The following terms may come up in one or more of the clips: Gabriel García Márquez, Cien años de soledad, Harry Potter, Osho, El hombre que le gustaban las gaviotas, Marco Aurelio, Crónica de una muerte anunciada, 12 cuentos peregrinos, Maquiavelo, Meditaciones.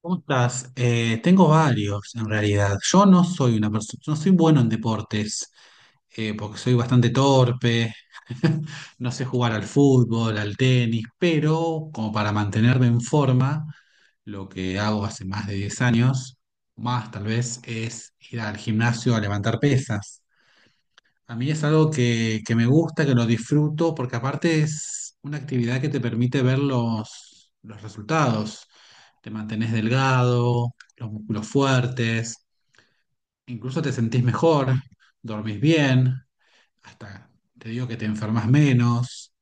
¿Cómo estás? Tengo varios en realidad. Yo no soy una persona, No soy bueno en deportes, porque soy bastante torpe, no sé jugar al fútbol, al tenis, pero como para mantenerme en forma, lo que hago hace más de 10 años, más tal vez, es ir al gimnasio a levantar pesas. A mí es algo que me gusta, que lo disfruto, porque aparte es una actividad que te permite ver los resultados. Te mantenés delgado, los músculos fuertes, incluso te sentís mejor, dormís bien, hasta te digo que te enfermas menos.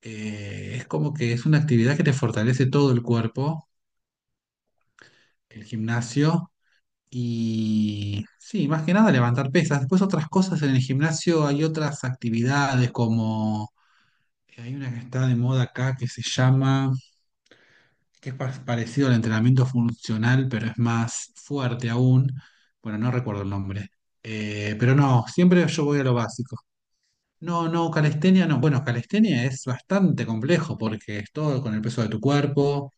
Es como que es una actividad que te fortalece todo el cuerpo, el gimnasio, y sí, más que nada levantar pesas. Después otras cosas en el gimnasio, hay otras actividades como hay una que está de moda acá que se llama, que es parecido al entrenamiento funcional, pero es más fuerte aún. Bueno, no recuerdo el nombre. Pero no, siempre yo voy a lo básico. No, no, calistenia no. Bueno, calistenia es bastante complejo porque es todo con el peso de tu cuerpo.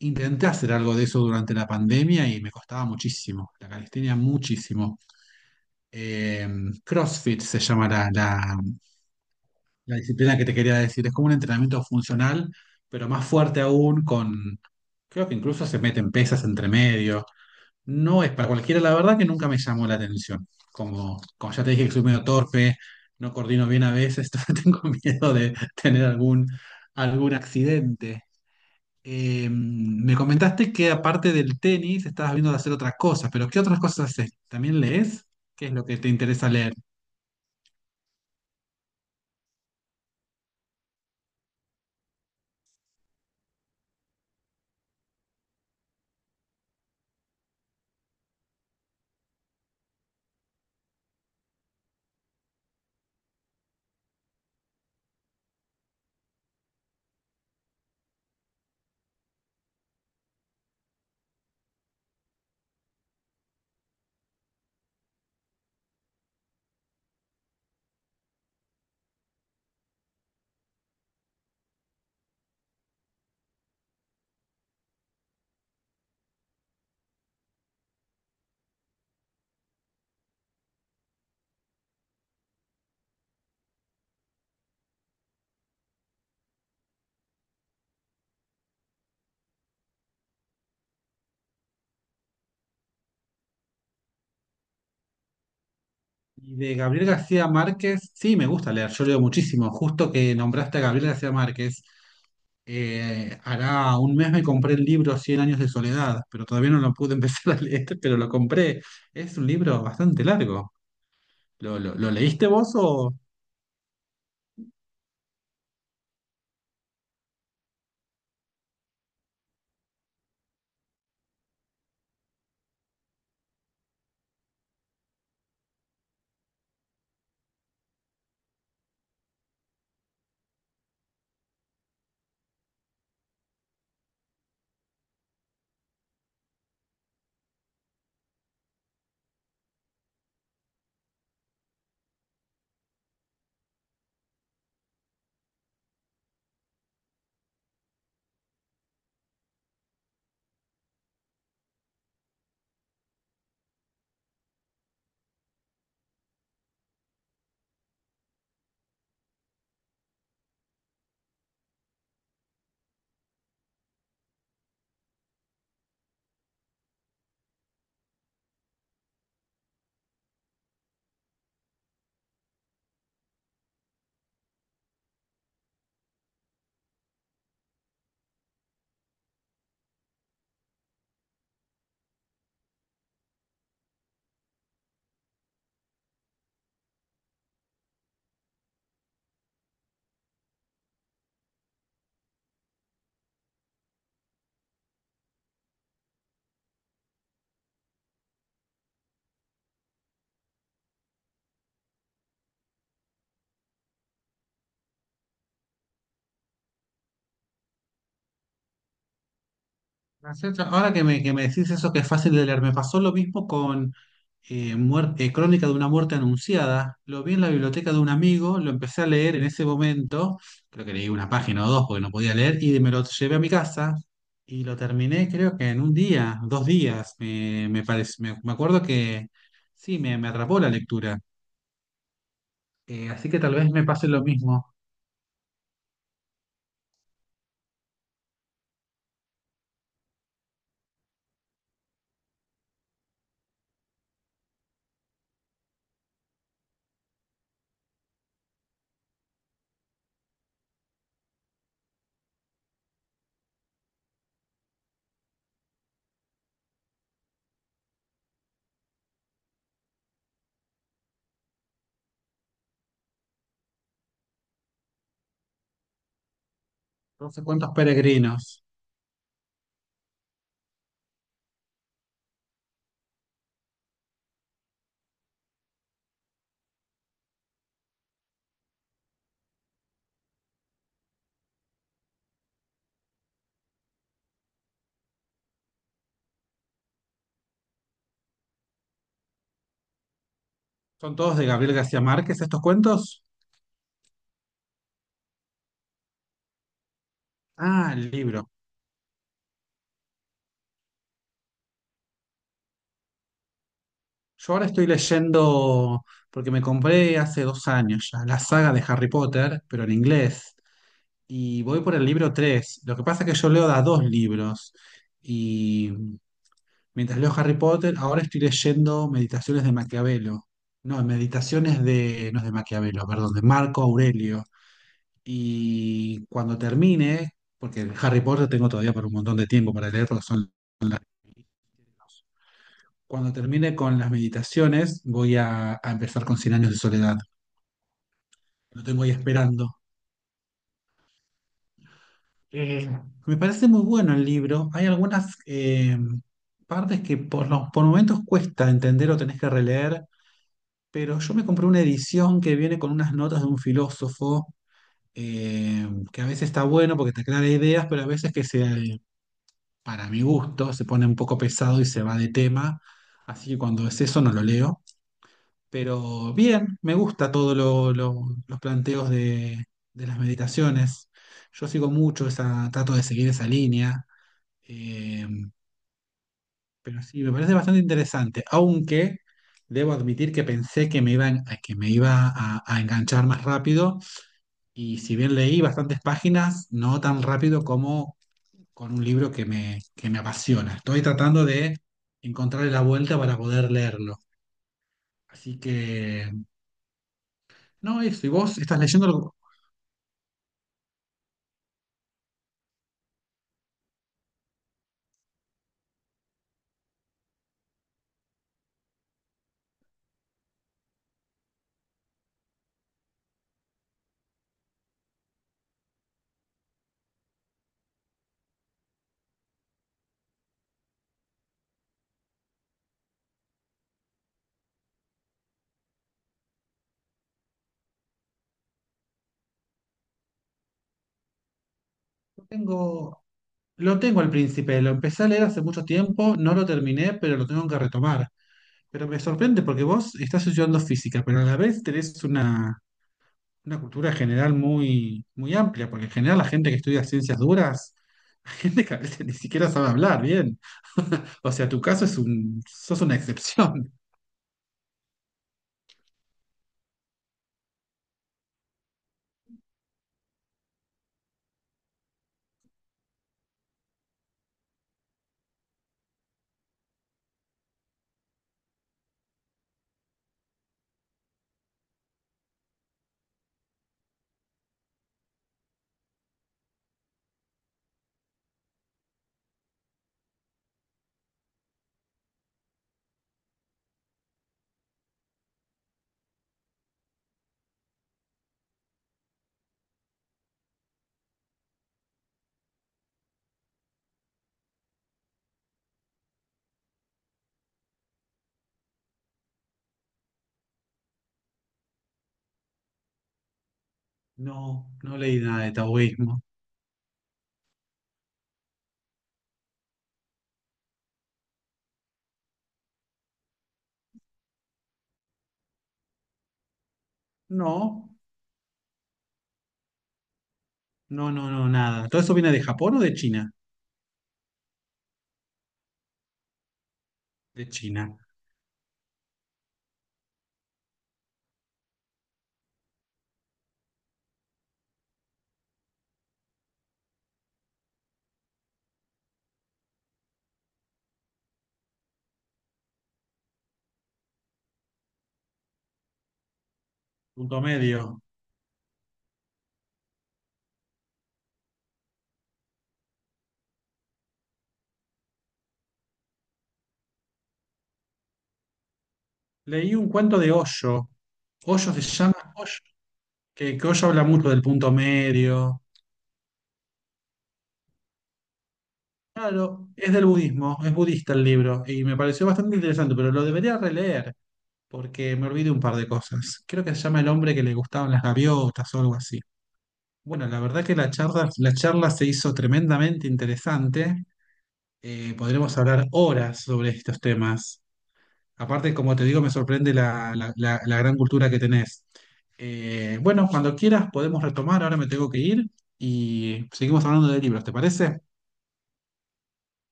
Intenté hacer algo de eso durante la pandemia y me costaba muchísimo. La calistenia muchísimo. Eh, CrossFit se llama la disciplina que te quería decir, es como un entrenamiento funcional, pero más fuerte aún con, creo que incluso se meten pesas entre medio. No es para cualquiera, la verdad que nunca me llamó la atención. Como ya te dije que soy medio torpe, no coordino bien a veces, entonces tengo miedo de tener algún, algún accidente. Me comentaste que aparte del tenis estabas viendo de hacer otras cosas, pero ¿qué otras cosas haces? ¿También lees? ¿Qué es lo que te interesa leer? Y de Gabriel García Márquez, sí, me gusta leer, yo leo muchísimo. Justo que nombraste a Gabriel García Márquez, hará un mes me compré el libro Cien años de soledad, pero todavía no lo pude empezar a leer, pero lo compré. Es un libro bastante largo. ¿Lo, lo leíste vos o...? No. Ahora que que me decís eso que es fácil de leer, me pasó lo mismo con Crónica de una muerte anunciada. Lo vi en la biblioteca de un amigo, lo empecé a leer en ese momento, creo que leí una página o dos porque no podía leer, y me lo llevé a mi casa y lo terminé creo que en un día, dos días, me parece, me acuerdo que sí, me atrapó la lectura. Así que tal vez me pase lo mismo. 12 cuentos peregrinos. ¿Son todos de Gabriel García Márquez estos cuentos? Ah, libros. Yo ahora estoy leyendo, porque me compré hace dos años ya, la saga de Harry Potter, pero en inglés, y voy por el libro tres. Lo que pasa es que yo leo da dos libros, y mientras leo Harry Potter, ahora estoy leyendo Meditaciones de Maquiavelo. No, Meditaciones de, no es de Maquiavelo, perdón, de Marco Aurelio. Y cuando termine, porque el Harry Potter tengo todavía por un montón de tiempo para leer, porque son cuando termine con las meditaciones, voy a empezar con Cien años de soledad. Lo tengo ahí esperando. Eh, Me parece muy bueno el libro. Hay algunas partes que por por momentos cuesta entender o tenés que releer, pero yo me compré una edición que viene con unas notas de un filósofo, que a veces está bueno porque te aclara ideas, pero a veces para mi gusto se pone un poco pesado y se va de tema. Así que cuando es eso no lo leo. Pero bien, me gusta todo los planteos de las meditaciones. Yo sigo mucho esa, trato de seguir esa línea. eh, pero sí, me parece bastante interesante. Aunque debo admitir que pensé que me que me iba a enganchar más rápido. Y si bien leí bastantes páginas, no tan rápido como con un libro que que me apasiona. Estoy tratando de encontrarle la vuelta para poder leerlo. Así que, no, eso. ¿Y vos estás leyendo algo? Lo tengo, lo tengo al príncipe, lo empecé a leer hace mucho tiempo, no lo terminé, pero lo tengo que retomar. Pero me sorprende porque vos estás estudiando física, pero a la vez tenés una cultura general muy, muy amplia, porque en general la gente que estudia ciencias duras, la gente que a veces ni siquiera sabe hablar bien. O sea, tu caso es un, sos una excepción. No, no leí nada de taoísmo. No, no, no, no, nada. ¿Todo eso viene de Japón o de China? De China. Punto medio. Leí un cuento de Osho. Osho se llama Osho, que Osho habla mucho del punto medio. Claro, es del budismo, es budista el libro, y me pareció bastante interesante, pero lo debería releer, porque me olvidé un par de cosas. Creo que se llama El hombre que le gustaban las gaviotas o algo así. Bueno, la verdad que la charla se hizo tremendamente interesante. Podremos hablar horas sobre estos temas. Aparte, como te digo, me sorprende la gran cultura que tenés. Bueno, cuando quieras podemos retomar, ahora me tengo que ir y seguimos hablando de libros, ¿te parece?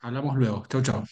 Hablamos luego. Chau, chau.